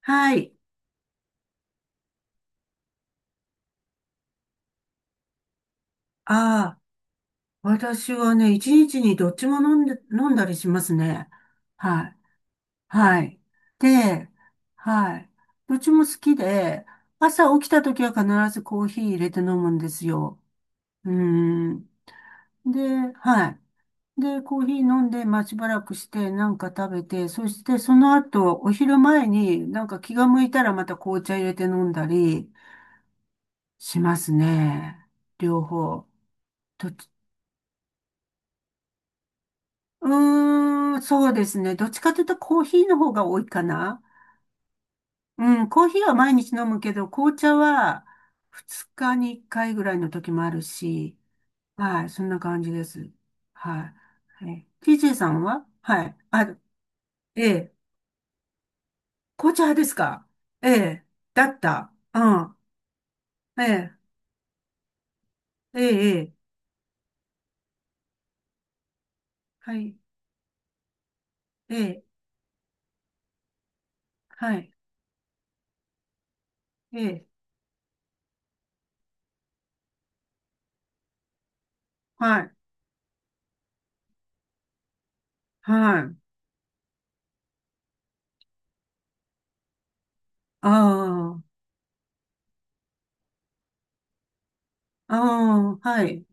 はい。ああ、私はね、一日にどっちも飲んだりしますね。はい。はい。で、はい。どっちも好きで、朝起きた時は必ずコーヒー入れて飲むんですよ。うーん。で、はい。で、コーヒー飲んで、まあ、しばらくして、なんか食べて、そしてその後、お昼前になんか気が向いたらまた紅茶入れて飲んだりしますね。両方。うーん、そうですね。どっちかというとコーヒーの方が多いかな。うん、コーヒーは毎日飲むけど、紅茶は2日に1回ぐらいの時もあるし、はい、そんな感じです。はい。え、TJ さんははい。あ、ええ、紅茶派ですか？ええ、だった。うん。ええ、ええ、ええ、はい、ええ、はい、ええ、はい、はい。ああ、ああ、はい、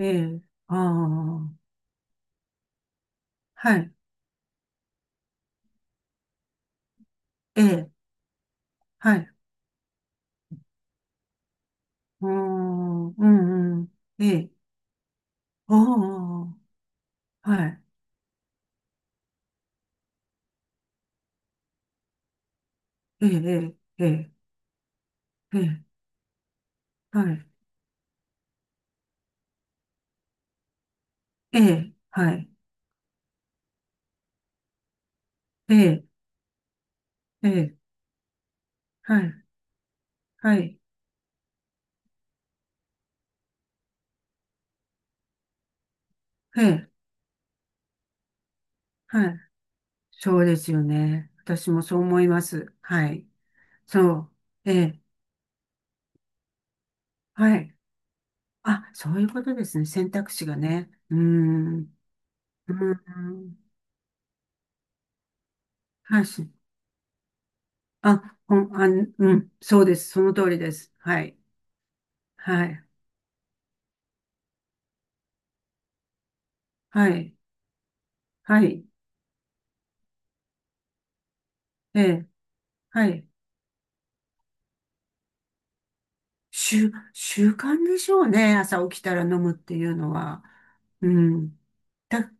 ええ、ああ、はい。ええ、はい。うーん、うん、うん。ええ、おー、はい。ええ、ええ、ええ、ええはい。ええ、はい。ええ、ええ、はい。はい。ええ、はい。そうですよね。私もそう思います。はい。そう。ええ、はい。あ、そういうことですね。選択肢がね。うーん、うーん、はい。し、あ、ほん、あ、うん、そうです。その通りです。はい。はい。はい。はい。ええはい。習慣でしょうね。朝起きたら飲むっていうのは。うん。だ、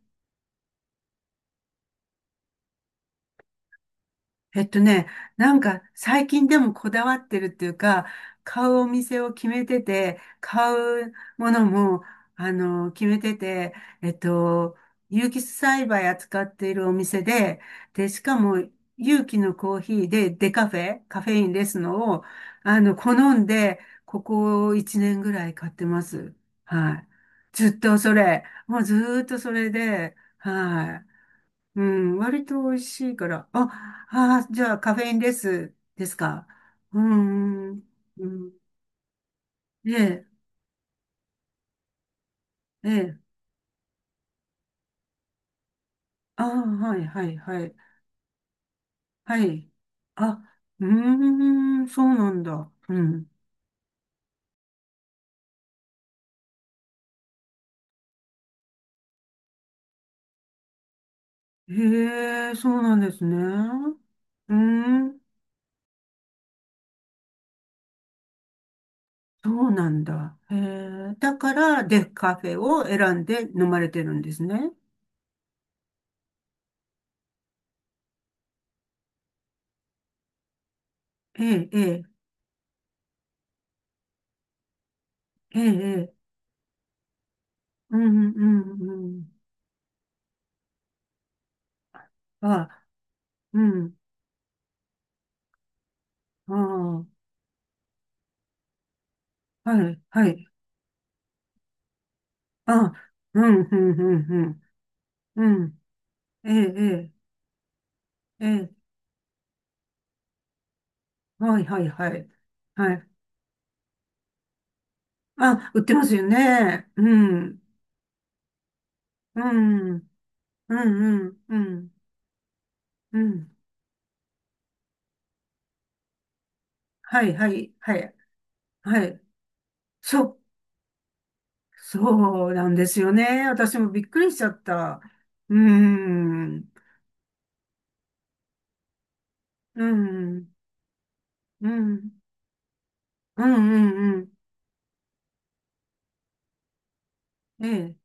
えっとね、なんか最近でもこだわってるっていうか、買うお店を決めてて、買うものも、あの、決めてて、えっと、有機栽培扱っているお店で、で、しかも有機のコーヒーでデカフェ、カフェインレスのを、あの、好んで、ここ1年ぐらい買ってます。はい。ずっとそれ、もうずーっとそれで、はい。うん、割と美味しいから。あ、あー、じゃあカフェインレスですか？うん、うん、うんええ、ええ。ああ、はい、はい、はい。はい。あ、うーん、そうなんだ。うん。へえ、そうなんですね。うーん、そうなんだ。へえ、だから、デフカフェを選んで飲まれてるんですね。ええ、ええ、ええ、ええうん、うん、うん。あ、うん、ああ、はい、はい。あ、うん、うん、うん、うん。うんええ、ええ、ええ。はい、はい、はい。はい。あ、売ってますよね。うん、うん、うん、うん、うん、うん。はい、はい、はい、はい。そう、そうなんですよね。私もびっくりしちゃった。うん、うん、うん、うん、うん、うん。ええ、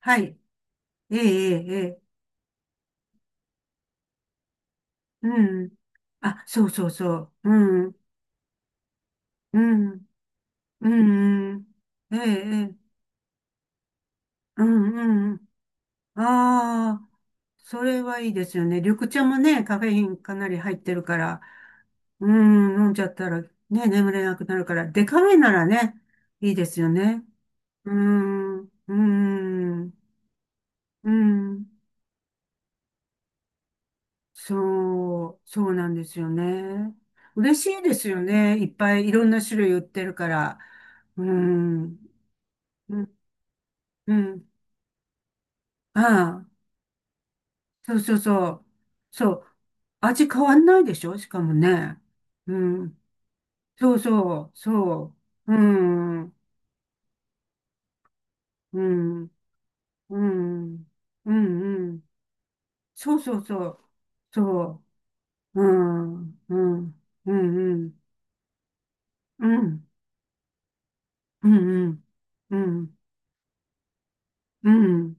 はい。ええ、ええ、ええうん。あ、そうそうそう。うん、うん。うんうん。ええ、ええ。うんうん。ああ、それはいいですよね。緑茶もね、カフェインかなり入ってるから、うん、飲んじゃったらね、眠れなくなるから、デカフェならね、いいですよね。うん、うん、うん。そう、そうなんですよね。嬉しいですよね。いっぱいいろんな種類売ってるから。うん、うん、うん。ああ。そうそうそう。そう。味変わんないでしょしかもね。うん。そうそう、そう。うん、うん、うん、うん、うん。そうそうそう。そう。うん、うん、うん、うん、うん、うん、うん、うん。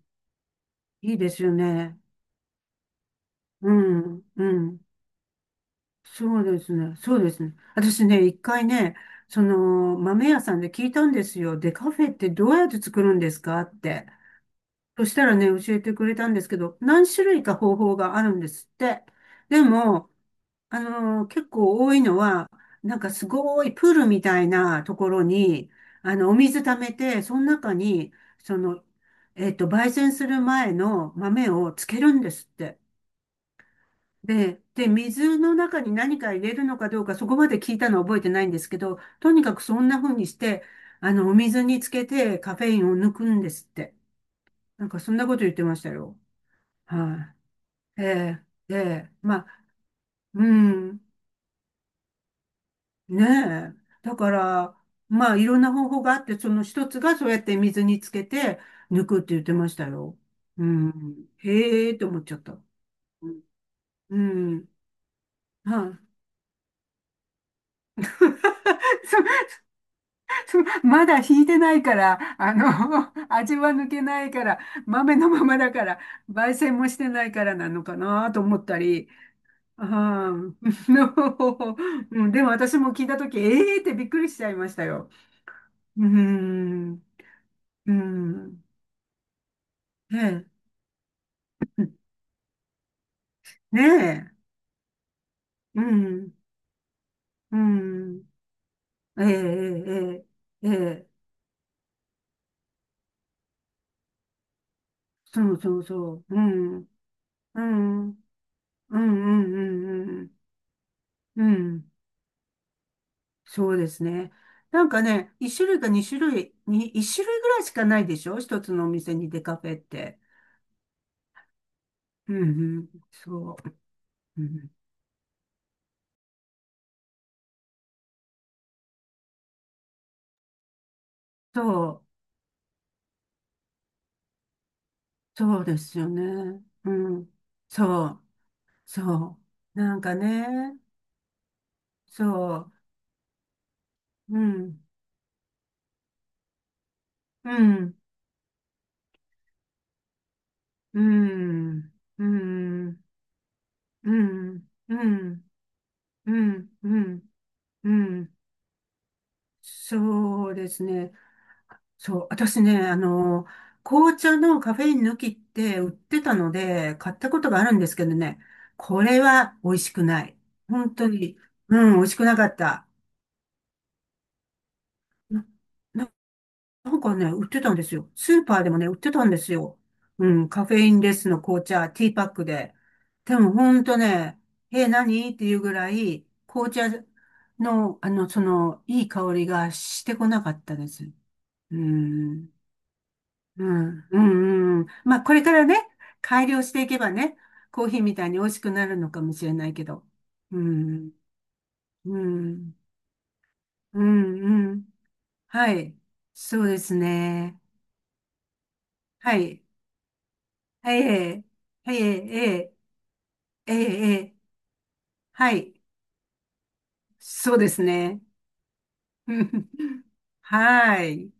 いいですよね。うん、うん。そうですね。そうですね。私ね、一回ね、その豆屋さんで聞いたんですよ。で、カフェってどうやって作るんですかって。そしたらね、教えてくれたんですけど、何種類か方法があるんですって。でも、結構多いのは、なんかすごいプールみたいなところに、あの、お水溜めて、その中に、その、焙煎する前の豆をつけるんですって。で、水の中に何か入れるのかどうか、そこまで聞いたのは覚えてないんですけど、とにかくそんな風にして、あの、お水につけてカフェインを抜くんですって。なんかそんなこと言ってましたよ。はい。ええ、ええ、まあ、うん、ねえ。だから、まあ、いろんな方法があって、その一つがそうやって水につけて抜くって言ってましたよ。うん、へえって思っちゃった。うん、うんはい。そそまだ引いてないから、あの、味は抜けないから、豆のままだから、焙煎もしてないからなのかなと思ったり、はい うんでも私も聞いたとき、ええーってびっくりしちゃいましたよ。うん、うん、ええ、ねえ、うん、うん、ええ、ええ、ええ、ええそうそうそう、うん、うん、うん、うん、うん、うん、うんそうですね。なんかね、一種類ぐらいしかないでしょ一つのお店にデカフェって。うん、うん、そう、うん、そう、そうですよね。うん、そう、そう、なんかね、そう。うん、うん、うん、うん、うん、うん、うん、うん、うんそうですね。そう、私ね、あの、紅茶のカフェイン抜きって売ってたので、買ったことがあるんですけどね、これは美味しくない。本当に、うん、美味しくなかった。ななんかね、売ってたんですよ。スーパーでもね、売ってたんですよ。うん、カフェインレスの紅茶、ティーパックで。でもほんとね、え、何っていうぐらい、紅茶の、あの、その、いい香りがしてこなかったです。うん、うん、うん、うん。まあ、これからね、改良していけばね、コーヒーみたいに美味しくなるのかもしれないけど。うん、うん、うん、うん。はい。そうですね。はい。ええ、ええ、ええ、ええ、ええはい。そうですね。はい。